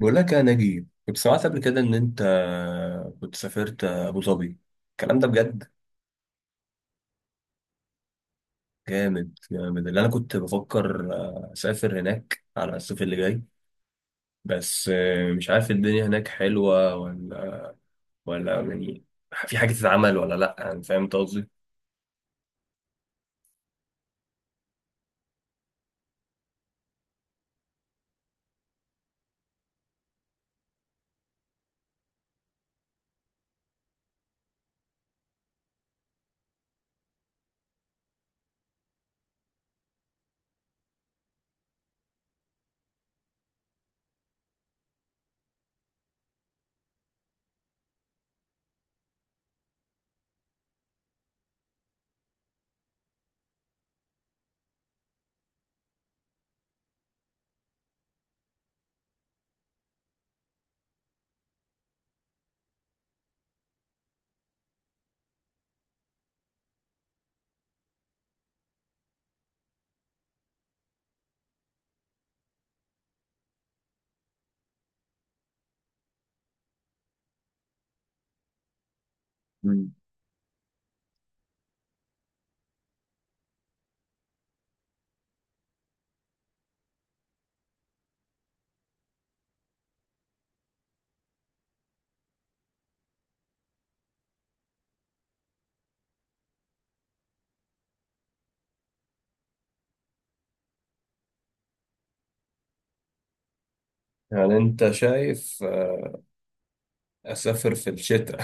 بقول لك يا نجيب، كنت سمعت قبل كده ان انت كنت سافرت ابو ظبي؟ الكلام ده بجد؟ جامد جامد. اللي انا كنت بفكر اسافر هناك على الصيف اللي جاي، بس مش عارف الدنيا هناك حلوة ولا يعني في حاجة تتعمل ولا لا، يعني فاهم أنت قصدي. مم. يعني انت شايف اسافر في الشتاء؟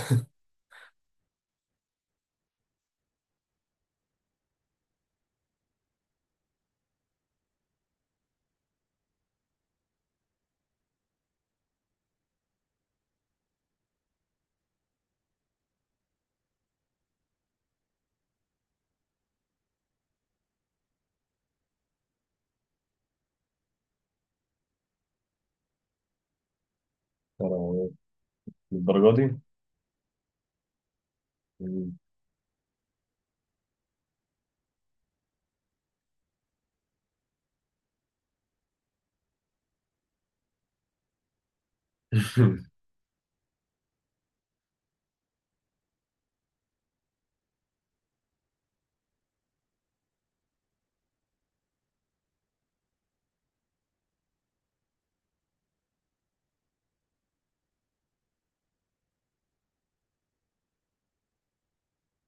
الدرجة دي؟ مم.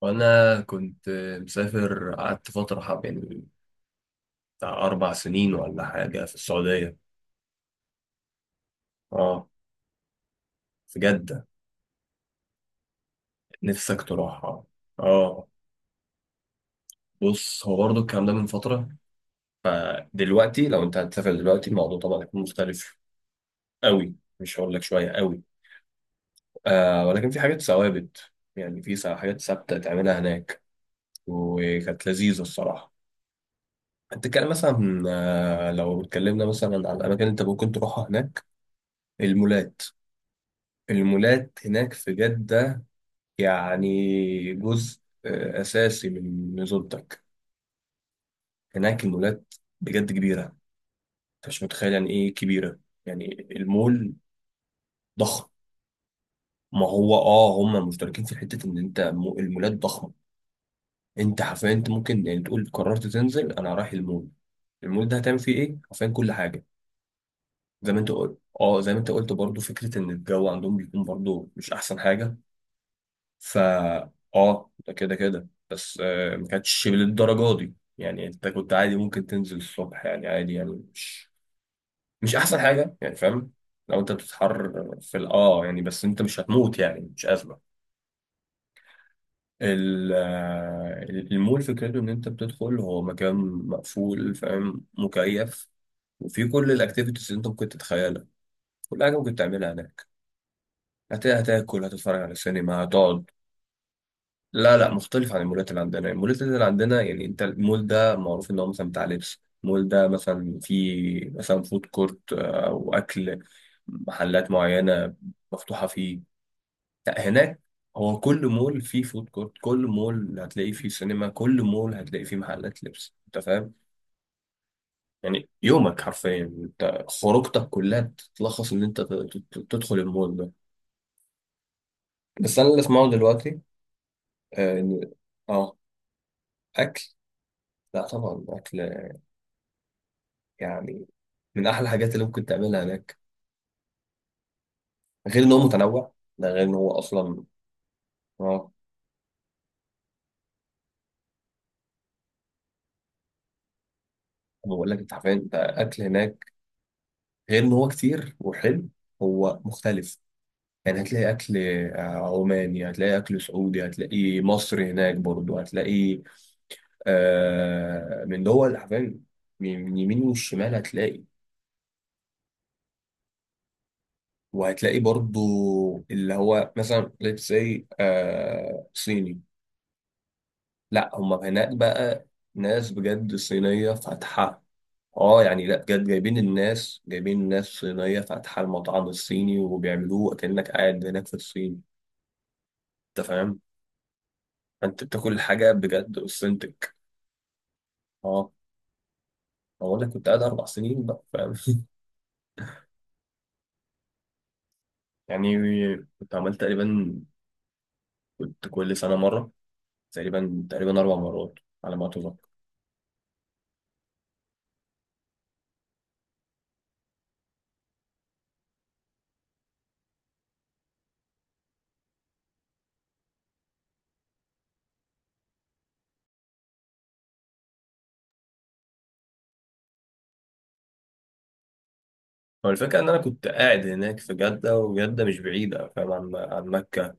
وانا كنت مسافر، قعدت فترة حب يعني بتاع أربع سنين ولا حاجة في السعودية. اه، في جدة. نفسك تروحها؟ اه. آه. بص، هو برضه الكلام ده من فترة، فدلوقتي لو أنت هتسافر دلوقتي الموضوع طبعا هيكون مختلف أوي، مش هقول لك شوية أوي. آه، ولكن في حاجات ثوابت، يعني في حاجات ثابتة تعملها هناك، وكانت لذيذة الصراحة. هتتكلم مثلا لو اتكلمنا مثلا على الأماكن اللي أنت ممكن تروحها هناك، المولات. المولات هناك في جدة يعني جزء أساسي من نزولتك هناك. المولات بجد كبيرة، أنت مش متخيل يعني إيه كبيرة. يعني المول ضخم. ما هو آه هم مشتركين في حتة إن أنت المولات ضخمة. أنت حرفيا أنت ممكن يعني تقول قررت تنزل أنا رايح المول. المول ده هتعمل فيه إيه؟ حرفيا كل حاجة. زي ما أنت قلت آه، زي ما أنت قلت برضه، فكرة إن الجو عندهم بيكون برضه مش أحسن حاجة. فا اه، ده كده كده، بس ما كانتش للدرجه دي، يعني انت كنت عادي ممكن تنزل الصبح، يعني عادي، يعني مش مش احسن حاجه، يعني فاهم. لو انت بتتحر في يعني، بس انت مش هتموت يعني، مش ازمه. المول فكرته ان انت بتدخل هو مكان مقفول، فاهم، مكيف. وفي كل الاكتيفيتيز اللي انت ممكن تتخيلها، كل حاجه ممكن تعملها هناك. هتاكل، هتتفرج على السينما، هتقعد. لا لا، مختلف عن المولات اللي عندنا. المولات اللي عندنا يعني انت المول ده معروف ان هو مثلا بتاع لبس. المول ده مثلا فيه مثلا فود كورت، او اكل، محلات معينه مفتوحه فيه. لا هناك هو كل مول فيه فود كورت، كل مول هتلاقي فيه سينما، كل مول هتلاقي فيه محلات لبس، انت فاهم. يعني يومك حرفيا، انت خروجتك كلها تتلخص ان انت تدخل المول ده. بس انا اللي اسمعه دلوقتي ان اه اكل. لا طبعا اكل، يعني من احلى الحاجات اللي ممكن تعملها هناك. غير ان هو متنوع، ده غير ان هو اصلا اه. بقول لك انت عارفين انت اكل هناك غير ان هو كتير وحلو، هو مختلف. يعني هتلاقي اكل عماني، هتلاقي اكل سعودي، هتلاقي مصري هناك برضو. هتلاقي آه من دول حرفيا، من يمين والشمال هتلاقي. وهتلاقي برضو اللي هو مثلا let's say آه صيني. لا هم هناك بقى ناس بجد صينية فاتحة. اه يعني، لا بجد جايبين الناس، جايبين ناس صينية فاتحة المطعم الصيني وبيعملوه كأنك قاعد هناك في الصين. انت فاهم، انت بتاكل الحاجة بجد اوثنتك. اه. هو انا كنت قاعد اربع سنين بقى فاهم. يعني كنت عملت تقريبا، كنت كل سنة مرة، تقريبا تقريبا اربع مرات على ما اتذكر. هو الفكرة إن أنا كنت قاعد هناك في جدة، وجدة مش بعيدة فاهم عن مكة.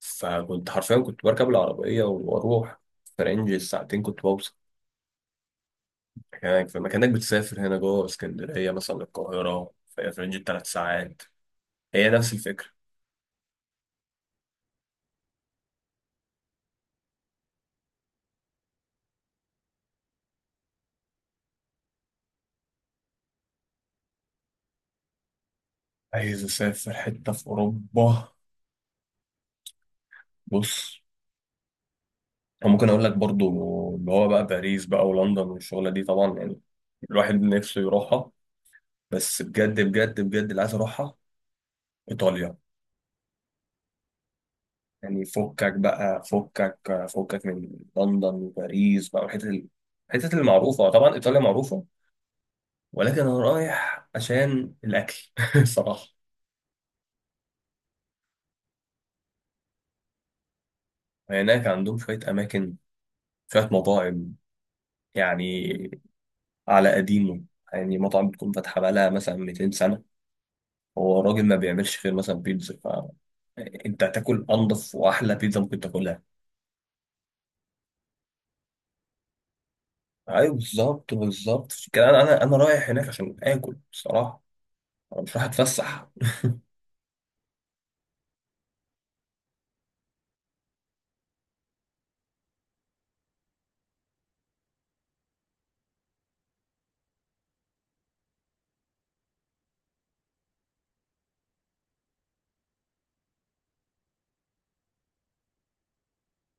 فكنت حرفيا كنت بركب العربية وأروح في رينج الساعتين كنت بوصل مكانك. فما كأنك بتسافر هنا جوه اسكندرية مثلا للقاهرة في رينج التلات ساعات. هي نفس الفكرة. عايز أسافر حتة في أوروبا. بص، وممكن أقول لك برضو اللي هو بقى باريس بقى ولندن، والشغلة دي طبعا يعني الواحد نفسه يروحها. بس بجد بجد بجد، اللي عايز أروحها إيطاليا. يعني فكك بقى، فكك فكك من لندن وباريس بقى، الحتت المعروفة. طبعا إيطاليا معروفة، ولكن أنا رايح عشان الأكل. صراحة. هناك عندهم شوية أماكن، شوية مطاعم، يعني على قديمه. يعني مطعم بتكون فاتحة بقالها مثلا 200 سنة، هو راجل ما بيعملش غير مثلا بيتزا. فأنت هتاكل أنضف وأحلى بيتزا ممكن تاكلها. أيوة بالظبط بالظبط، عشان كده أنا رايح هناك عشان آكل بصراحة، أنا مش رايح أتفسح.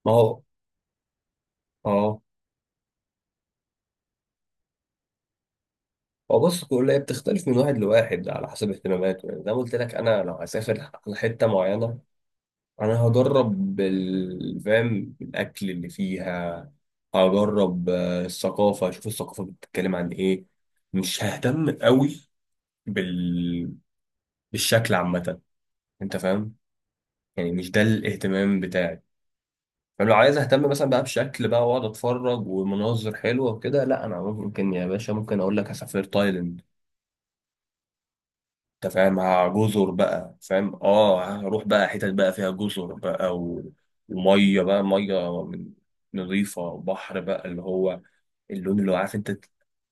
ما هو أه. هو بص كل هي بتختلف من واحد لواحد على حسب اهتماماته. يعني زي ما قلت لك أنا لو هسافر على حتة معينة، انا هجرب فاهم الاكل اللي فيها. هجرب الثقافه، اشوف الثقافه بتتكلم عن ايه. مش ههتم قوي بال... بالشكل عامه، انت فاهم. يعني مش ده الاهتمام بتاعي. فلو عايز اهتم مثلا بقى بشكل بقى واقعد اتفرج ومناظر حلوه وكده، لا انا ممكن يا باشا ممكن اقول لك هسافر تايلاند. انت فاهم جزر بقى، فاهم، اه هروح بقى حتت بقى فيها جزر بقى وميه بقى ميه من نظيفه بحر بقى اللي هو اللون اللي هو عارف انت.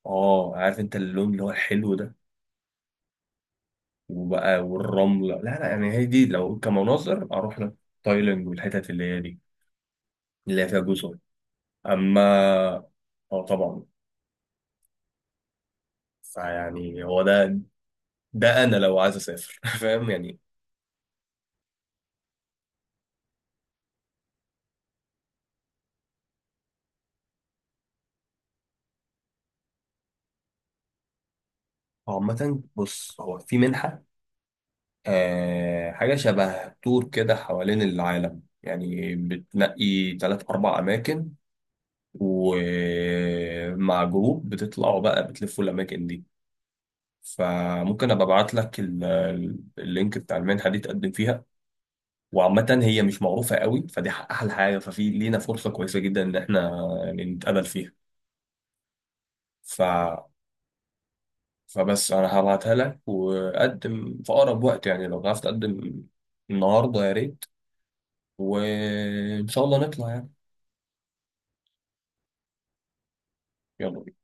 اه عارف انت اللون اللي هو الحلو ده وبقى والرمله. لا لا يعني هي دي، لو كمناظر اروح لك تايلاند والحتت اللي هي دي اللي هي فيها جزر. اما اه طبعا. فيعني هو ده، ده انا لو عايز اسافر. فاهم يعني. هو عامة بص هو في منحة، آه حاجة شبه تور كده حوالين العالم، يعني بتنقي تلات أربع أماكن ومع جروب بتطلعوا بقى بتلفوا الأماكن دي. فممكن أبقى أبعت لك اللينك بتاع المنحة دي تقدم فيها. وعامة هي مش معروفة قوي، فدي أحلى حاجة. ففي لينا فرصة كويسة جدا إن إحنا يعني نتقابل فيها. ف... فبس أنا هبعتها لك، وقدم في أقرب وقت، يعني لو عرفت تقدم النهاردة يا ريت، وإن شاء الله نطلع يعني. يلا بينا.